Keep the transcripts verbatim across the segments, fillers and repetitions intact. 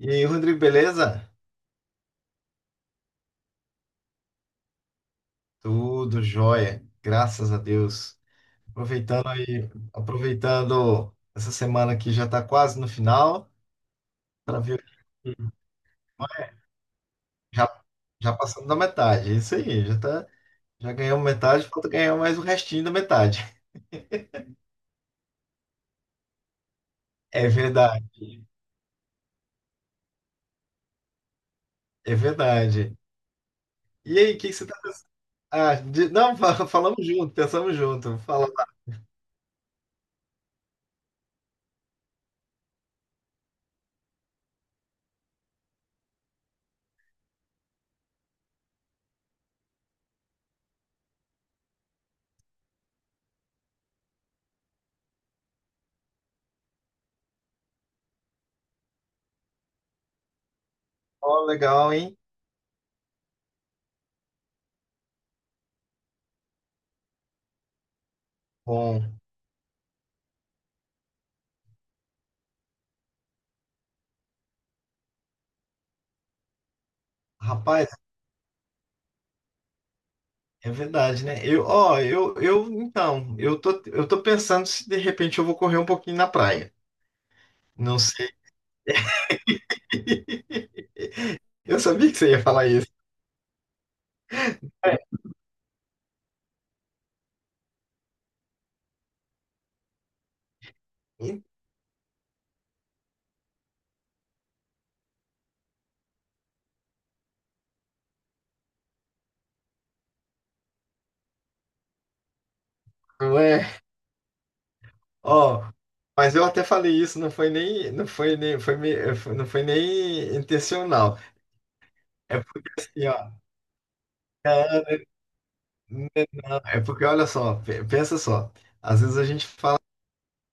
E aí, Rodrigo, beleza? Tudo jóia, graças a Deus. Aproveitando aí, aproveitando essa semana que já está quase no final, para ver o que já, já passamos da metade. É isso aí, já tá, já ganhamos metade, falta ganhar mais o restinho da metade. É verdade, é verdade. E aí, o que que você tá. Ah, de- não, fa- falamos junto, pensamos junto. Fala, ó, legal, hein? Bom, rapaz. É verdade, né? Eu, ó, eu, eu, então, eu tô, eu tô pensando se de repente eu vou correr um pouquinho na praia. Não sei. Eu sabia que você ia falar isso. É. Então, é. Ó, mas eu até falei isso, não foi nem, não foi nem, foi, me- foi- não foi nem intencional. É porque assim, ó, é, não, é porque olha só, pe- pensa só. Às vezes a gente fala,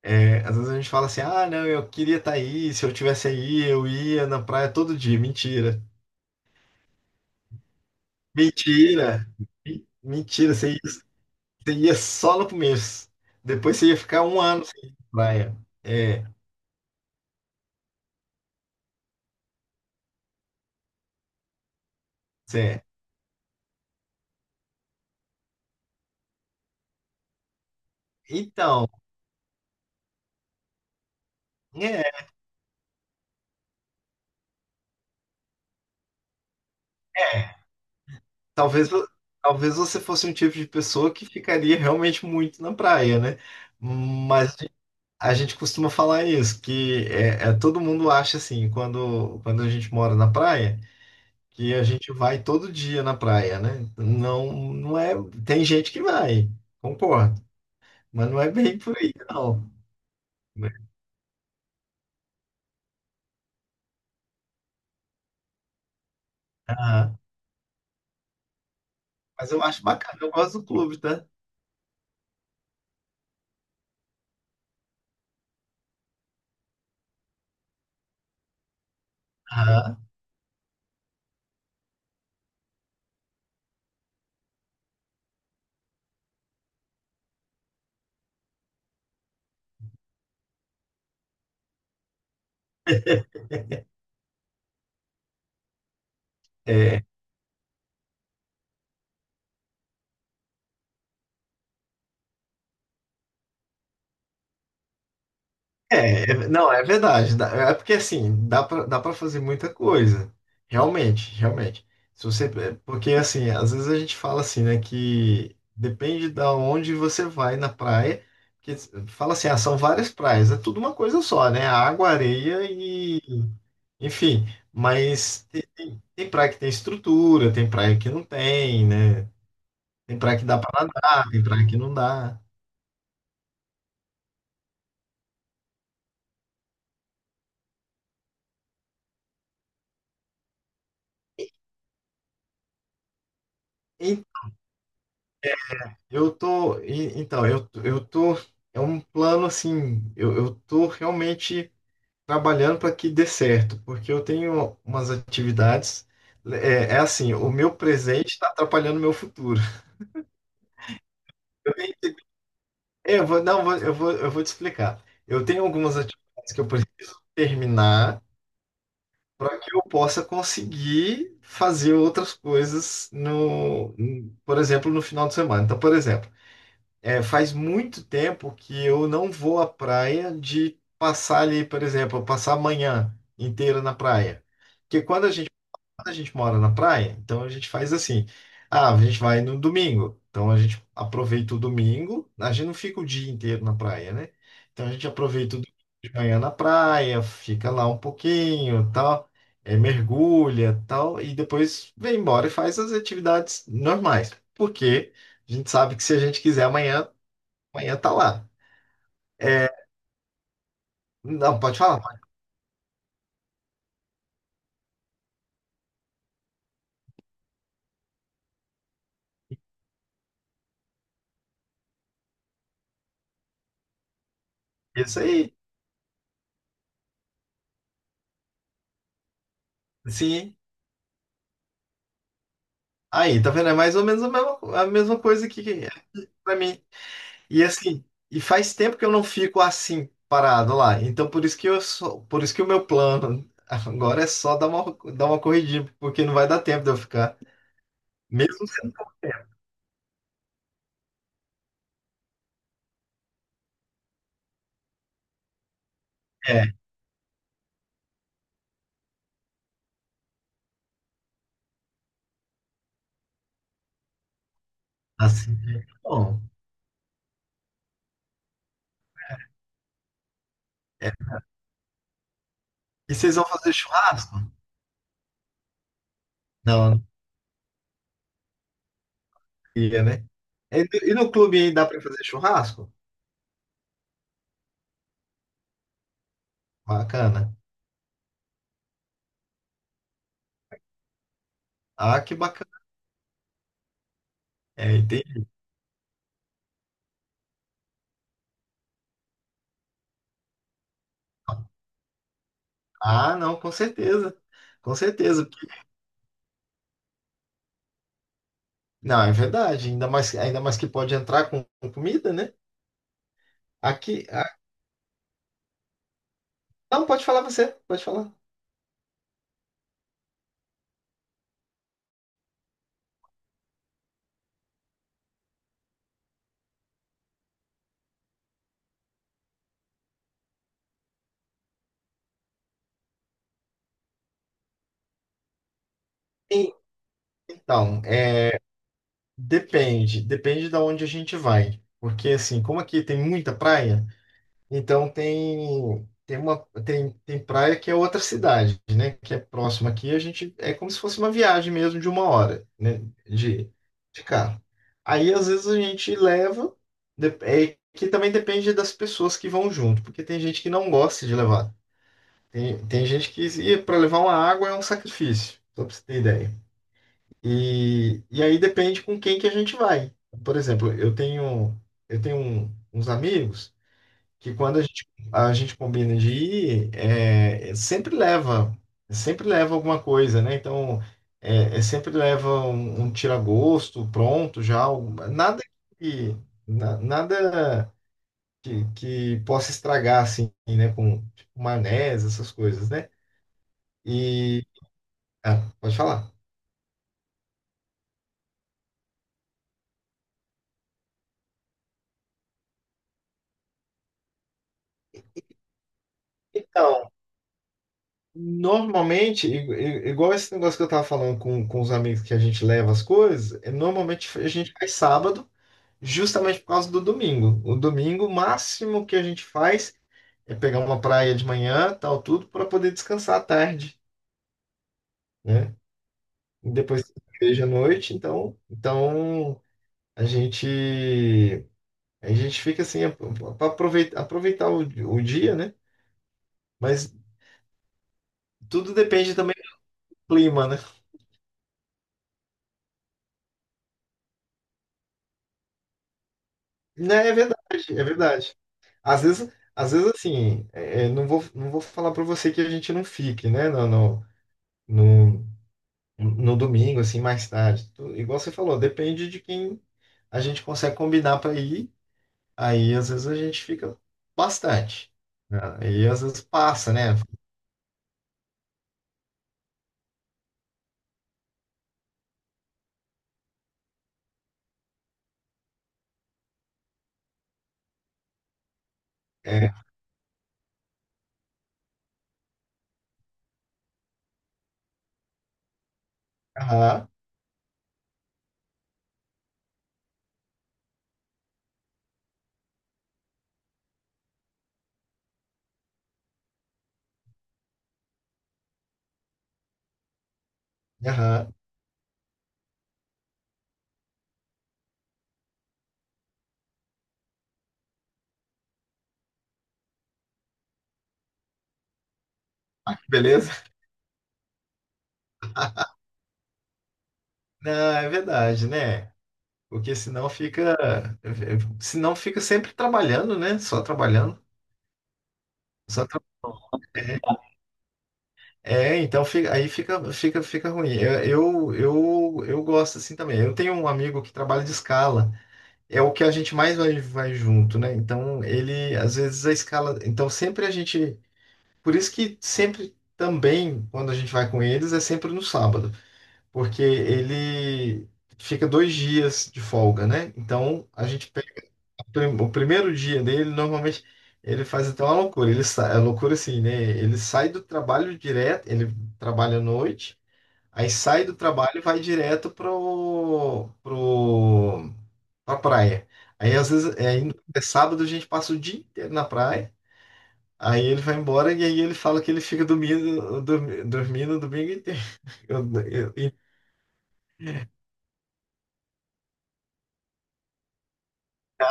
é, às vezes a gente fala assim, ah, não, eu queria estar aí, se eu tivesse aí, eu ia na praia todo dia. Mentira. Mentira! Me- Mentira, você ia, você ia só no começo. Depois você ia ficar um ano sem ir pra praia. É, cê- Então, é, é. Talvez, vo- talvez você fosse um tipo de pessoa que ficaria realmente muito na praia, né? Mas a gente costuma falar isso, que é, é- todo mundo acha assim, quando, quando a gente mora na praia, que a gente vai todo dia na praia, né? Não, não é, tem gente que vai, concordo, mas não é bem por aí, não. Aham. Mas eu acho bacana, eu gosto do clube, tá? Aham. É, é, é- não, é verdade. dá- É porque assim, dá pra, dá pra fazer muita coisa. Realmente, realmente. Se você, é, Porque assim, às vezes a gente fala assim, né, que depende da onde você vai na praia, que fala assim, ah, são várias praias, é tudo uma coisa só, né? Água, areia e, enfim, mas tem, tem tem praia que tem estrutura, tem praia que não tem, né? Tem praia que dá pra nadar, tem praia que não dá. E- Eu tô, e- então, eu, eu tô, É um plano assim, eu, eu tô realmente trabalhando para que dê certo, porque eu tenho umas atividades, é, é assim, o meu presente está atrapalhando o meu futuro. É, Eu vou, não, eu vou, eu vou, eu vou te explicar. Eu tenho algumas atividades que eu preciso terminar para que eu possa conseguir fazer outras coisas no, por exemplo, no final de semana. Então, por exemplo, é, faz muito tempo que eu não vou à praia de passar ali, por exemplo, passar a manhã inteira na praia. Porque quando a gente, quando a gente mora na praia, então a gente faz assim. Ah, a gente vai no domingo. Então a gente aproveita o domingo. A gente não fica o dia inteiro na praia, né? Então a gente aproveita o domingo de manhã na praia, fica lá um pouquinho, tal, é, mergulha, tal, e depois vem embora e faz as atividades normais. Porque a gente sabe que se a gente quiser amanhã, amanhã tá lá. É, não, pode falar. Pode. Isso aí. Sim. Aí, tá vendo? É mais ou menos a mesma, a mesma coisa que que é pra mim. E assim, e faz tempo que eu não fico assim, parado lá. Então, por isso que eu sou, por isso que o meu plano agora é só dar uma, dar uma corridinha, porque não vai dar tempo de eu ficar. Mesmo sendo pouco tempo. É, assim. Bom, é. E vocês vão fazer churrasco? Não, não ia, né? E, e no clube aí dá pra fazer churrasco? Bacana. Ah, que bacana. É, entendi. Ah, não, com certeza. Com certeza. Não, é verdade. Ainda mais, ainda mais que pode entrar com com comida, né? Aqui. a- Não, pode falar você, pode falar. Sim, então, é, depende, depende da onde a gente vai. Porque assim, como aqui tem muita praia, então tem tem uma tem, tem praia que é outra cidade, né? Que é próxima aqui. A gente é como se fosse uma viagem mesmo de uma hora, né? De, de carro. Aí às vezes a gente leva, de- é que também depende das pessoas que vão junto, porque tem gente que não gosta de levar. Tem, tem gente que para levar uma água é um sacrifício, só para você ter ideia. E, e aí depende com quem que a gente vai. Por exemplo, eu tenho eu tenho um- uns amigos que quando a gente, a gente combina de ir, é, é sempre leva, sempre leva alguma coisa, né? Então, é, é sempre leva um, um tira-gosto pronto já, um- nada que, na- nada que, que possa estragar, assim, né? Com tipo, maionese, essas coisas, né? E, ah, pode falar. Então, normalmente, i- i- igual esse negócio que eu tava falando com, com os amigos que a gente leva as coisas, é, normalmente a gente faz sábado, justamente por causa do domingo. O domingo, o máximo que a gente faz é pegar uma praia de manhã, tal, tudo, para poder descansar à tarde, né? E depois tem igreja à noite, então, então a gente a gente fica assim para aproveitar, aproveitar o, o dia, né? Mas tudo depende também do clima, né? Né, é verdade, é verdade. Às vezes, às vezes assim, é, é, não vou, não vou falar para você que a gente não fique, né? Não, não, no domingo, assim, mais tarde. Tu- Igual você falou, depende de quem a gente consegue combinar para ir. Aí, às vezes, a gente fica bastante. Né? Aí, às vezes, passa, né? É, aham, aham, beleza? Não, é verdade, né? Porque senão fica, eh, senão fica sempre trabalhando, né? Só trabalhando. Só tra- É, então fica- aí fica, fica, fica ruim. Eu, eu, eu, eu gosto assim também. Eu tenho um amigo que trabalha de escala. É o que a gente mais vai, vai junto, né? Então, ele, às vezes, a escala. Então, sempre a gente. Por isso que sempre também, quando a gente vai com eles, é sempre no sábado, porque ele fica dois dias de folga, né? Então, a gente pega o prim- o primeiro dia dele, normalmente. Ele faz até uma loucura, ele sai, é loucura assim, né? Ele sai do trabalho direto, ele trabalha à noite, aí sai do trabalho e vai direto pro, pro, na praia. Aí às vezes é, indo- é sábado, a gente passa o dia inteiro na praia. Aí ele vai embora e aí ele fala que ele fica dormindo, dormi- dormindo o domingo inteiro. Eu- eu- e- tá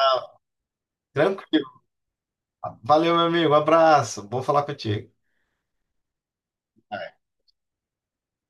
tranquilo. Valeu, meu amigo. Abraço. Bom falar contigo.